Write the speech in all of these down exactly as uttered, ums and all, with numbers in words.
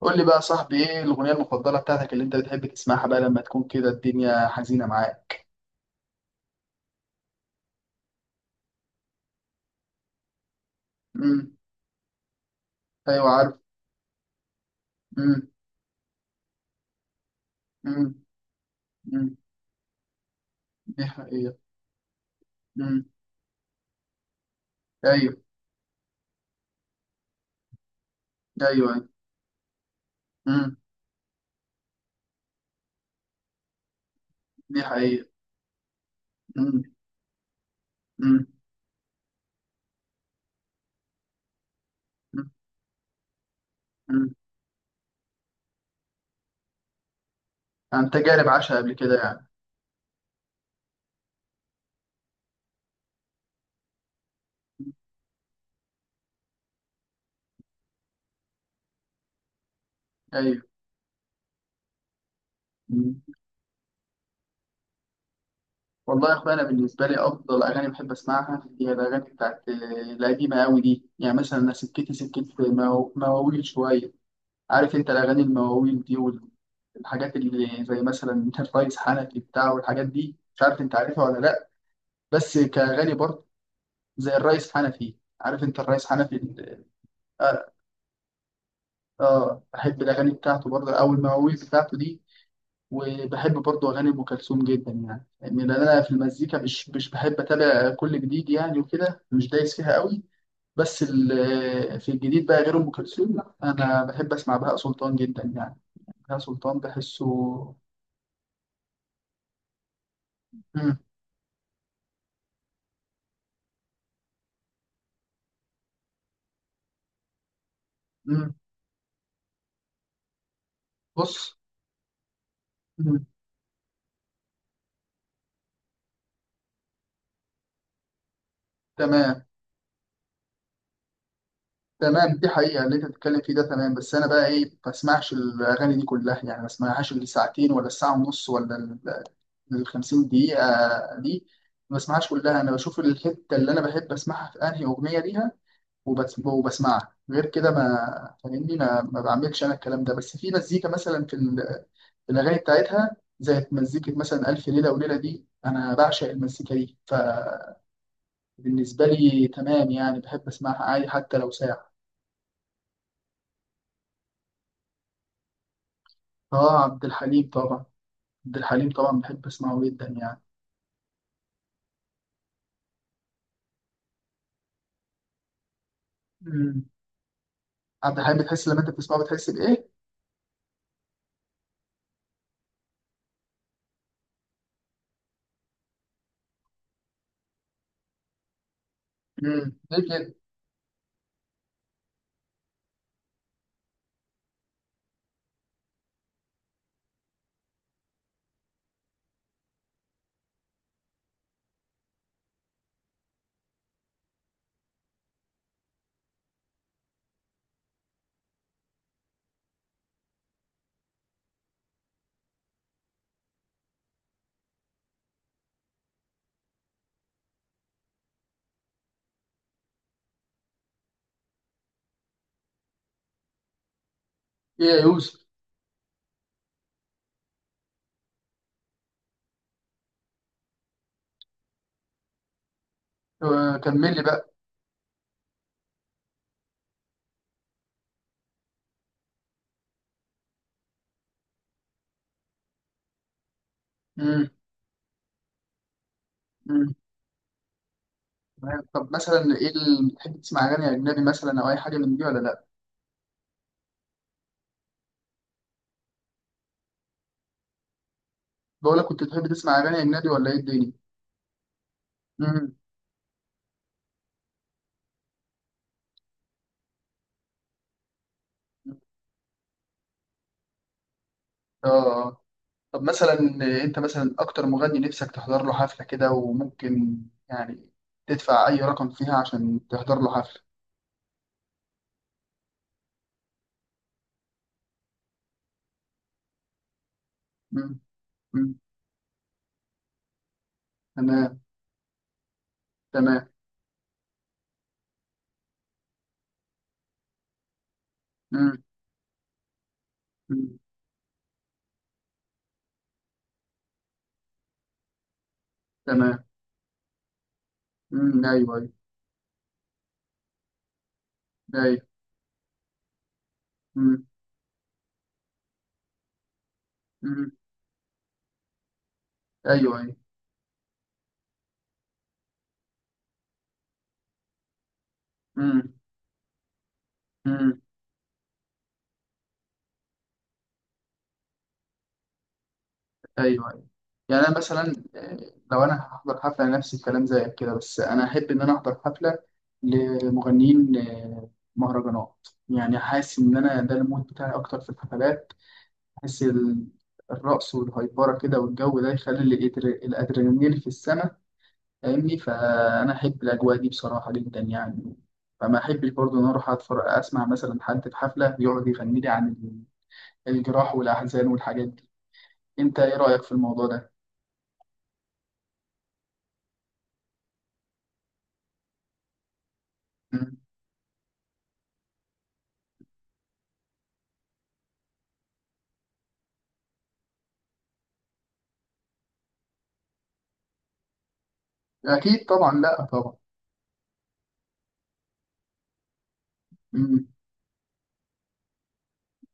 قول لي بقى يا صاحبي ايه الاغنيه المفضله بتاعتك اللي انت بتحب تسمعها بقى لما تكون كده الدنيا حزينه معاك؟ امم. ايوه، عارف. امم. امم. امم. دي حقيقه. امم. ايوه. ايوه. امم. دي حقيقه. امم. امم. امم. عن تجارب عاشها قبل كده يعني. ايوه. مم. والله يا اخويا، انا بالنسبه لي افضل اغاني بحب اسمعها هي الاغاني بتاعت آه، القديمه قوي دي. يعني مثلا انا سكتي سكت، مواويل شويه. عارف انت الاغاني المواويل دي؟ الحاجات اللي زي مثلا الرئيس حنفي بتاع والحاجات دي، مش عارف انت عارفها ولا لا. بس كأغاني برضه. زي الرئيس حنفي. عارف انت الرئيس حنفي. ال- اه. آه، بحب الأغاني بتاعته برضه أو المواويل بتاعته دي. وبحب برضه أغاني أم كلثوم جدا يعني يعني لأن أنا في المزيكا مش مش بحب أتابع كل جديد يعني، وكده مش دايس فيها قوي. بس ال- في الجديد بقى غير أم كلثوم، لا، أنا بحب أسمع بهاء سلطان جدا يعني. بهاء سلطان بحسه. مم. مم. بص. مم. تمام. تمام، دي حقيقة اللي انت بتتكلم فيه ده، تمام، بس انا بقى ايه، ما بسمعش الاغاني دي كلها يعني، ما بسمعهاش اللي ساعتين ولا الساعة ونص، ولا ال ال 50 دقيقة دي. ما بسمعهاش كلها، انا بشوف الحتة اللي انا بحب اسمعها في انهي اغنية ليها وبس، وبسمعها. غير كده ما فاهمني، ما, ما بعملش انا الكلام ده، بس في مزيكا مثلا في ال- في الاغاني بتاعتها، زي مزيكة مثلا ألف ليلة وليلة دي، أنا بعشق المزيكا دي. فبالنسبة لي تمام يعني، بحب أسمعها عادي حتى لو ساعة. آه، عبد الحليم طبعا. عبد الحليم طبعا، بحب اسمعه جدا يعني. امم. عبد الحليم بتحس لما انت بتسمعه بتحس بايه؟ امم ليه كده؟ ايه يا يوسف؟ آه، كمل لي بقى. امم. امم. تمام. طب مثلا ايه اللي بتحب تسمع اغاني اجنبي مثلا، او اي حاجه من دي ولا لا؟ بقول لك، كنت بتحب تسمع اغاني اجنبي ولا ايه الدنيا؟ امم. اه. آه. طب مثلا، انت مثلا اكتر مغني نفسك تحضر له حفله كده، وممكن يعني تدفع اي رقم فيها عشان تحضر له حفله. امم. امم. تمام. تمام. امم. امم. تمام. امم. ايوه. ايوه. ايوه. امم. امم. ايوه. ايوه. امم. امم. ايوه. ايوه. يعني انا مثلا، آه، لو انا هحضر حفله نفس الكلام زيك كده، بس انا احب ان انا احضر حفله لمغنيين آه، مهرجانات، يعني حاسس ان انا ده المود بتاعي اكتر في الحفلات. احس ال- الرقص والهيبره كده والجو ده يخلي ال- الإدر- الادرينالين في السماء، فاهمني؟ فانا احب الاجواء دي بصراحه جدا يعني. فما احبش برضه ان أنا اروح اتفرج، اسمع مثلا حد في حفله يقعد يغني لي عن الجراح والاحزان والحاجات دي. انت ايه رايك في الموضوع ده؟ مم. اكيد طبعا، لا طبعا. مم.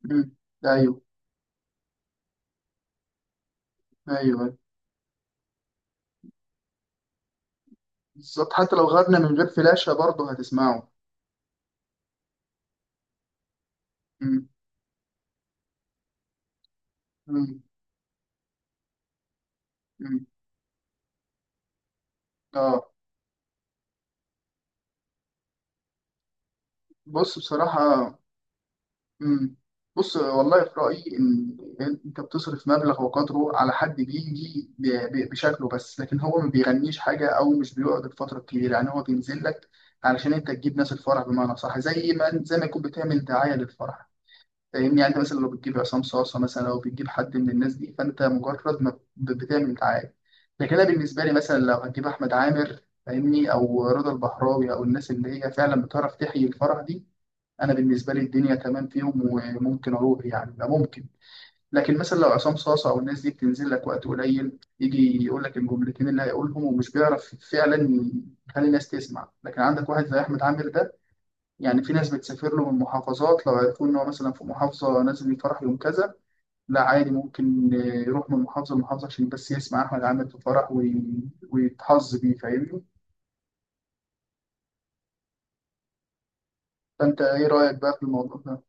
مم. ايوه، ايوه. بالظبط، حتى لو غنى من غير فلاشه برضه هتسمعه. مم. مم. مم. اه. بص بصراحه. مم. بص والله، في رأيي إن أنت بتصرف مبلغ وقدره على حد بيجي ب- ب- بشكله، بس لكن هو ما بيغنيش حاجة أو مش بيقعد الفترة الكبيرة، يعني هو بينزل لك علشان أنت تجيب ناس الفرح، بمعنى صح، زي ما زي ما يكون بتعمل دعاية للفرح، فاهمني؟ يعني أنت مثلا لو بتجيب عصام صاصة مثلا، أو بتجيب حد من الناس دي، فأنت مجرد ما ب- بتعمل دعاية. لكن أنا بالنسبة لي مثلا لو هتجيب أحمد عامر، فاهمني، أو رضا البحراوي، أو الناس اللي هي فعلا بتعرف تحيي الفرح دي، انا بالنسبه لي الدنيا تمام فيهم وممكن اروح، يعني ده ممكن. لكن مثلا لو عصام صاصه او الناس دي بتنزل لك وقت قليل، يجي يقول لك الجملتين اللي هيقولهم ومش بيعرف فعلا يخلي الناس تسمع. لكن عندك واحد زي احمد عامر ده، يعني في ناس بتسافر له من محافظات، لو عرفوا ان هو مثلا في محافظه نازل الفرح يوم كذا، لا عادي، ممكن يروح من محافظه لمحافظه عشان بس يسمع احمد عامر في الفرح، وي- ويتحظ بيه، فاهمني؟ فانت ايه رايك بقى في الموضوع ده؟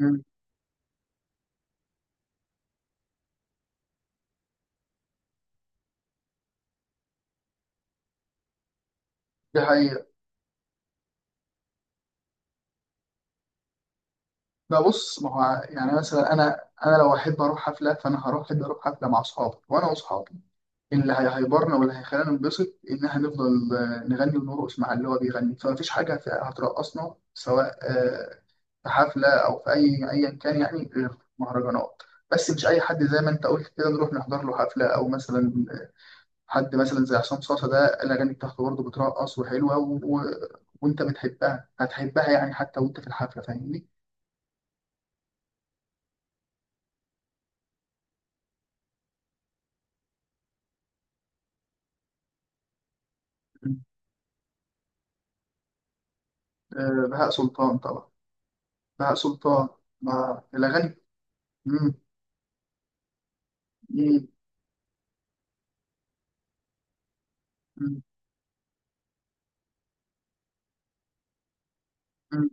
مم. دي حقيقة. ده بص، ما هو يعني مثلا انا انا لو احب اروح حفله فانا هروح احب اروح حفله مع اصحابي، وانا واصحابي اللي هي- هيبرنا واللي هيخلينا ننبسط ان احنا نفضل آه، نغني ونرقص مع اللي هو بيغني، فمفيش حاجه في- هترقصنا سواء آه، في حفله او في اي ايا كان يعني، غير مهرجانات. بس مش اي حد زي ما انت قلت كده نروح نحضر له حفله، او مثلا حد مثلا زي عصام صاصا ده الاغاني بتاعته برضه بترقص وحلوه و... و... وانت بتحبها، هتحبها يعني حتى وانت في الحفله، فاهمني؟ آه، بهاء سلطان طبعا. بهاء سلطان، ما الأغاني. مم. مم. مم. مم.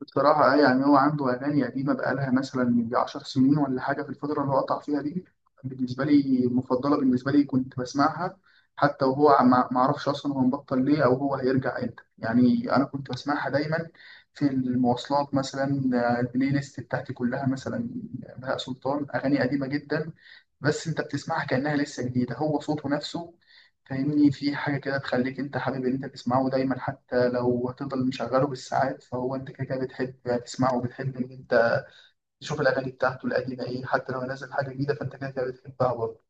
بصراحة أي يعني هو عنده أغاني قديمة بقالها مثلا يجي 10 سنين ولا حاجة، في الفترة اللي هو قطع فيها دي بالنسبة لي المفضلة، بالنسبة لي كنت بسمعها حتى وهو ما ما أعرفش أصلا هو مبطل ليه أو هو هيرجع إمتى. يعني أنا كنت بسمعها دايما في المواصلات مثلا، آه، البلاي ليست بتاعتي كلها مثلا آه، بهاء سلطان أغاني قديمة جدا، بس انت بتسمعها كأنها لسه جديدة، هو صوته نفسه فاهمني؟ في حاجة كده تخليك انت حابب ان انت تسمعه دايما، حتى لو هتفضل مشغله بالساعات فهو انت كده كده بتحب تسمعه، بتحب ان انت تشوف الأغاني بتاعته القديمة ايه حتى لو نزل حاجة جديدة فانت كده كده بتحبها برضه.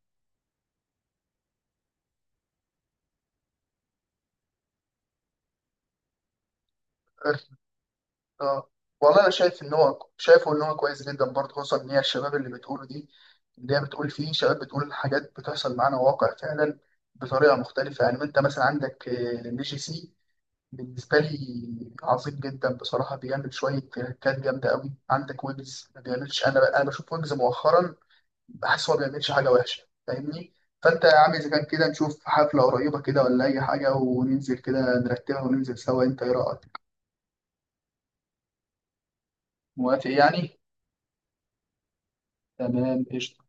اه، والله انا شايف ان هو شايفه ان هو كويس جدا برضه، خصوصا ان هي الشباب اللي بتقوله دي، اللي هي بتقول فيه شباب بتقول حاجات بتحصل معانا، واقع فعلا بطريقة مختلفة. يعني انت مثلا عندك نيجي سي، بالنسبة لي عظيم جدا بصراحة، بيعمل شوية تريكات جامدة قوي. عندك ويجز ما بيعملش. أنا بقى أنا بشوف ويجز مؤخرا بحس هو ما بيعملش حاجة وحشة فاهمني؟ فأنت يا عم إذا كان كده نشوف حفلة قريبة كده ولا أي حاجة وننزل كده نرتبها وننزل سوا، أنت إيه رأيك؟ موافق يعني؟ تمام قشطة.